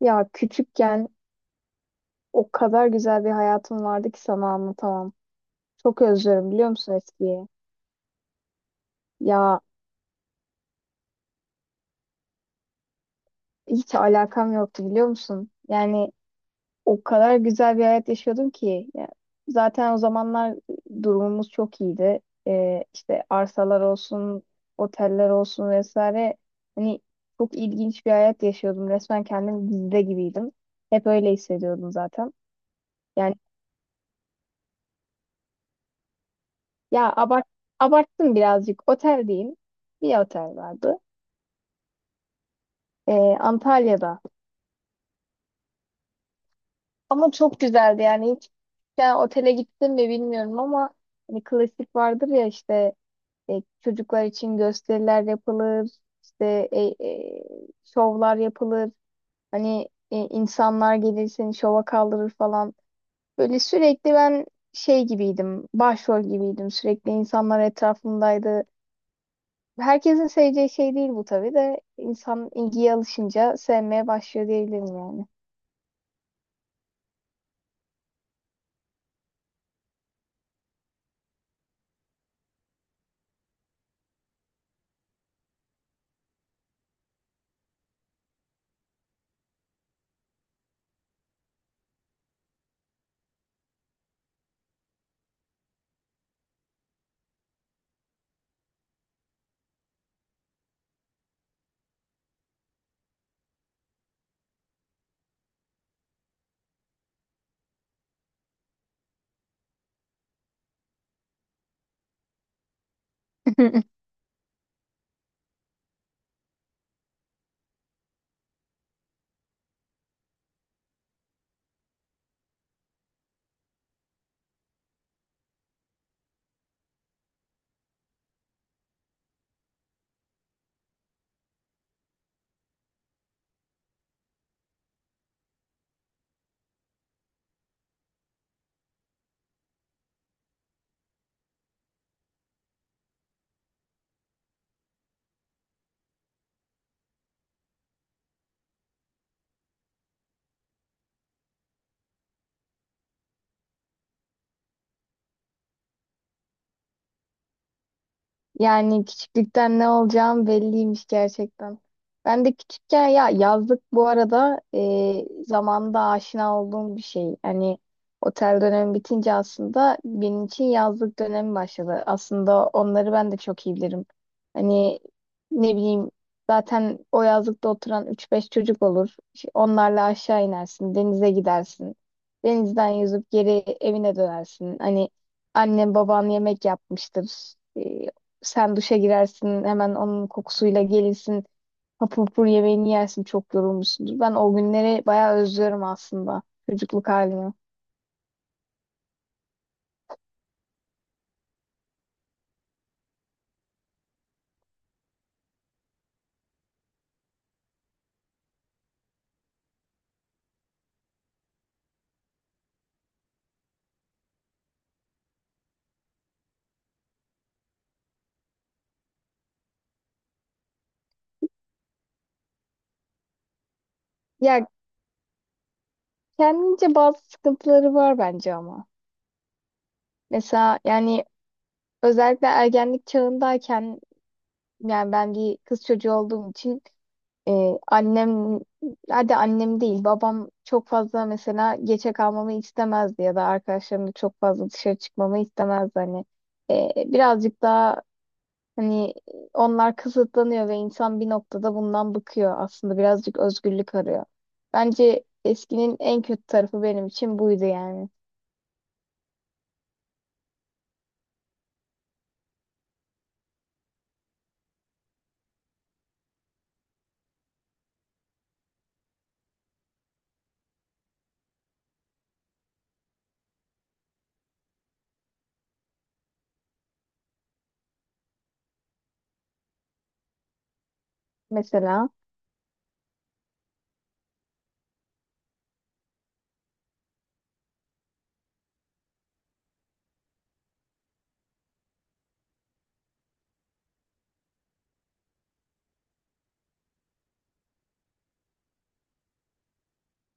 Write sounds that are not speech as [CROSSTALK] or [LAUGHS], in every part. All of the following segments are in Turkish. Ya küçükken o kadar güzel bir hayatım vardı ki sana anlatamam. Çok özlüyorum biliyor musun eskiyi? Ya hiç alakam yoktu biliyor musun? Yani o kadar güzel bir hayat yaşıyordum ki. Ya, zaten o zamanlar durumumuz çok iyiydi. İşte arsalar olsun, oteller olsun vesaire. Hani çok ilginç bir hayat yaşıyordum. Resmen kendim dizide gibiydim. Hep öyle hissediyordum zaten. Yani ya abart abarttım birazcık. Oteldeyim. Bir otel vardı. Ee, Antalya'da. Ama çok güzeldi yani hiç yani otele gittim mi bilmiyorum ama hani klasik vardır ya işte çocuklar için gösteriler yapılır, işte e, şovlar yapılır. Hani insanlar gelir seni şova kaldırır falan. Böyle sürekli ben şey gibiydim, başrol gibiydim. Sürekli insanlar etrafımdaydı. Herkesin seveceği şey değil bu tabii de insan ilgiye alışınca sevmeye başlıyor diyebilirim yani. [LAUGHS] Yani küçüklükten ne olacağım belliymiş gerçekten. Ben de küçükken ya yazlık bu arada zamanında aşina olduğum bir şey. Hani otel dönemi bitince aslında benim için yazlık dönemi başladı. Aslında onları ben de çok iyi bilirim. Hani ne bileyim zaten o yazlıkta oturan üç beş çocuk olur. İşte onlarla aşağı inersin, denize gidersin. Denizden yüzüp geri evine dönersin. Hani annen baban yemek yapmıştır. E, sen duşa girersin, hemen onun kokusuyla gelirsin. Hapur hapur yemeğini yersin, çok yorulmuşsundur. Ben o günleri bayağı özlüyorum aslında, çocukluk halimi. Ya kendince bazı sıkıntıları var bence ama. Mesela yani özellikle ergenlik çağındayken, yani ben bir kız çocuğu olduğum için e, annem, hadi annem değil, babam çok fazla mesela geçe kalmamı istemezdi ya da arkadaşlarımla çok fazla dışarı çıkmamı istemezdi. Hani birazcık daha hani onlar kısıtlanıyor ve insan bir noktada bundan bıkıyor. Aslında birazcık özgürlük arıyor. Bence eskinin en kötü tarafı benim için buydu yani. Mesela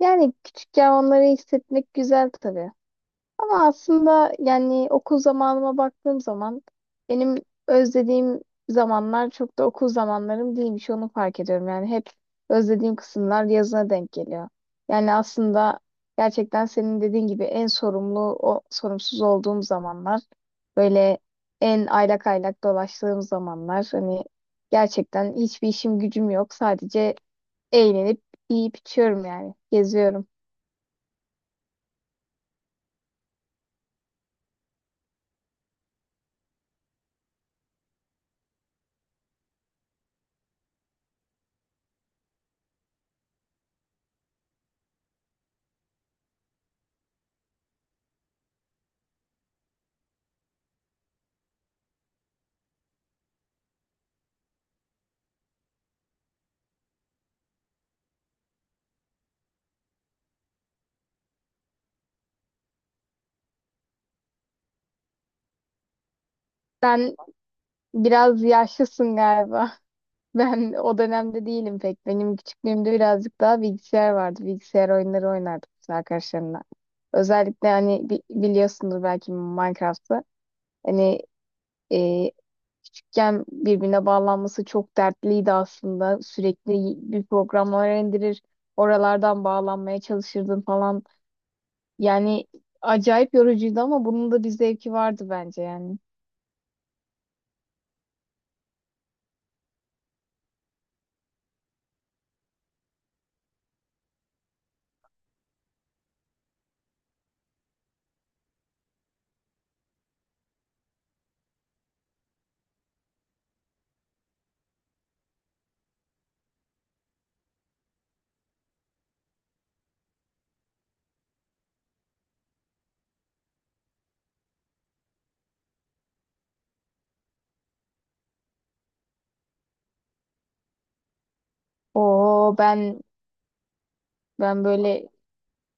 yani küçükken onları hissetmek güzel tabii. Ama aslında yani okul zamanıma baktığım zaman benim özlediğim zamanlar çok da okul zamanlarım değilmiş onu fark ediyorum. Yani hep özlediğim kısımlar yazına denk geliyor. Yani aslında gerçekten senin dediğin gibi en sorumlu, o sorumsuz olduğum zamanlar böyle en aylak aylak dolaştığım zamanlar hani gerçekten hiçbir işim gücüm yok sadece eğlenip yiyip içiyorum yani geziyorum. Sen biraz yaşlısın galiba. Ben o dönemde değilim pek. Benim küçüklüğümde birazcık daha bilgisayar vardı. Bilgisayar oyunları oynardık biz arkadaşlarımla. Özellikle hani biliyorsundur belki Minecraft'ı. Hani e, küçükken birbirine bağlanması çok dertliydi aslında. Sürekli bir programlar indirir, oralardan bağlanmaya çalışırdın falan. Yani acayip yorucuydu ama bunun da bir zevki vardı bence yani. Oo ben böyle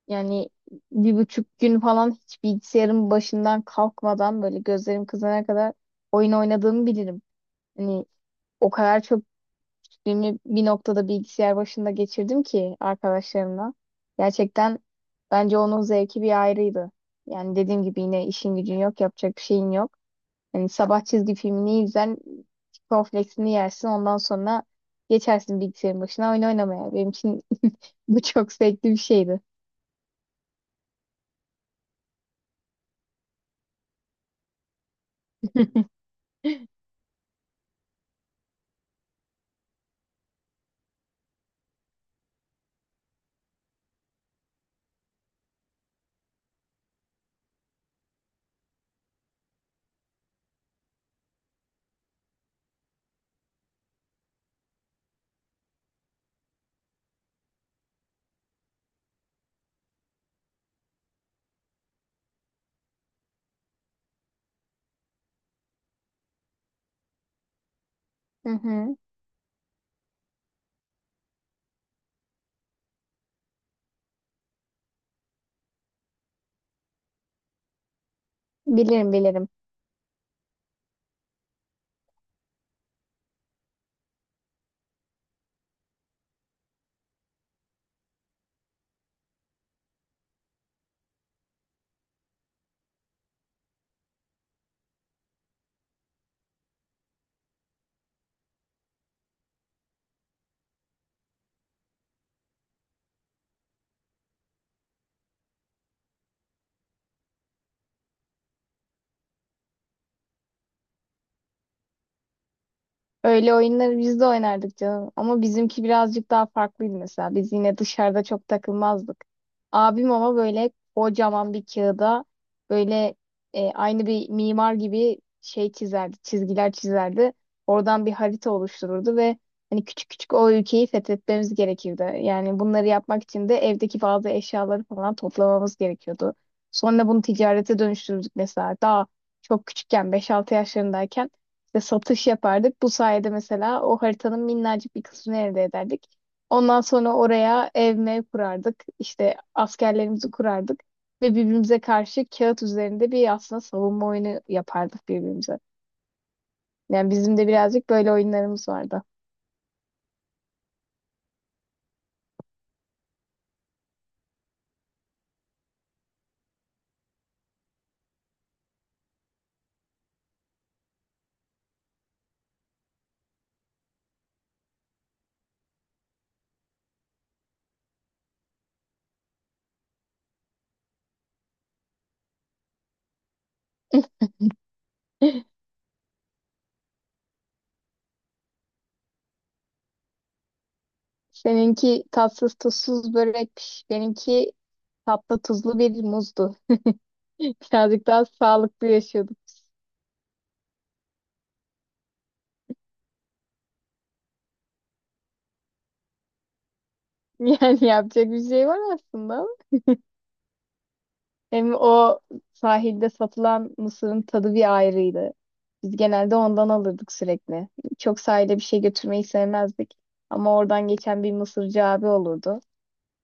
yani 1,5 gün falan hiç bilgisayarın başından kalkmadan böyle gözlerim kızarana kadar oyun oynadığımı bilirim. Hani o kadar çok günü bir noktada bilgisayar başında geçirdim ki arkadaşlarımla. Gerçekten bence onun zevki bir ayrıydı. Yani dediğim gibi yine işin gücün yok, yapacak bir şeyin yok. Hani sabah çizgi filmini izler, cornflakes'ini yersin ondan sonra geçersin bilgisayarın başına oyun oynamaya. Benim için [LAUGHS] bu çok zevkli bir şeydi. Hı hı. Bilirim, bilirim. Öyle oyunları biz de oynardık canım. Ama bizimki birazcık daha farklıydı mesela. Biz yine dışarıda çok takılmazdık. Abim ama böyle kocaman bir kağıda böyle aynı bir mimar gibi şey çizerdi, çizgiler çizerdi. Oradan bir harita oluştururdu ve hani küçük küçük o ülkeyi fethetmemiz gerekirdi. Yani bunları yapmak için de evdeki bazı eşyaları falan toplamamız gerekiyordu. Sonra bunu ticarete dönüştürdük mesela. Daha çok küçükken 5-6 yaşlarındayken işte satış yapardık. Bu sayede mesela o haritanın minnacık bir kısmını elde ederdik. Ondan sonra oraya ev mev kurardık. İşte askerlerimizi kurardık. Ve birbirimize karşı kağıt üzerinde bir aslında savunma oyunu yapardık birbirimize. Yani bizim de birazcık böyle oyunlarımız vardı. Seninki tatsız tuzsuz börekmiş. Benimki tatlı tuzlu bir muzdu. [LAUGHS] Birazcık daha sağlıklı yaşıyorduk. [LAUGHS] Yani yapacak bir şey var aslında ama. Hem o sahilde satılan mısırın tadı bir ayrıydı. Biz genelde ondan alırdık sürekli. Çok sahile bir şey götürmeyi sevmezdik. Ama oradan geçen bir mısırcı abi olurdu.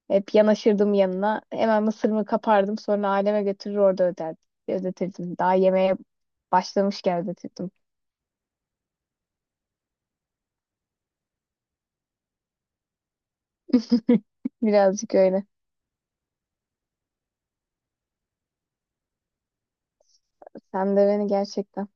Hep yanaşırdım yanına. Hemen mısırımı kapardım. Sonra aileme götürür orada öderdim. Ödetirdim. Daha yemeğe başlamışken ödetirdim. [LAUGHS] Birazcık öyle. Sen de beni gerçekten.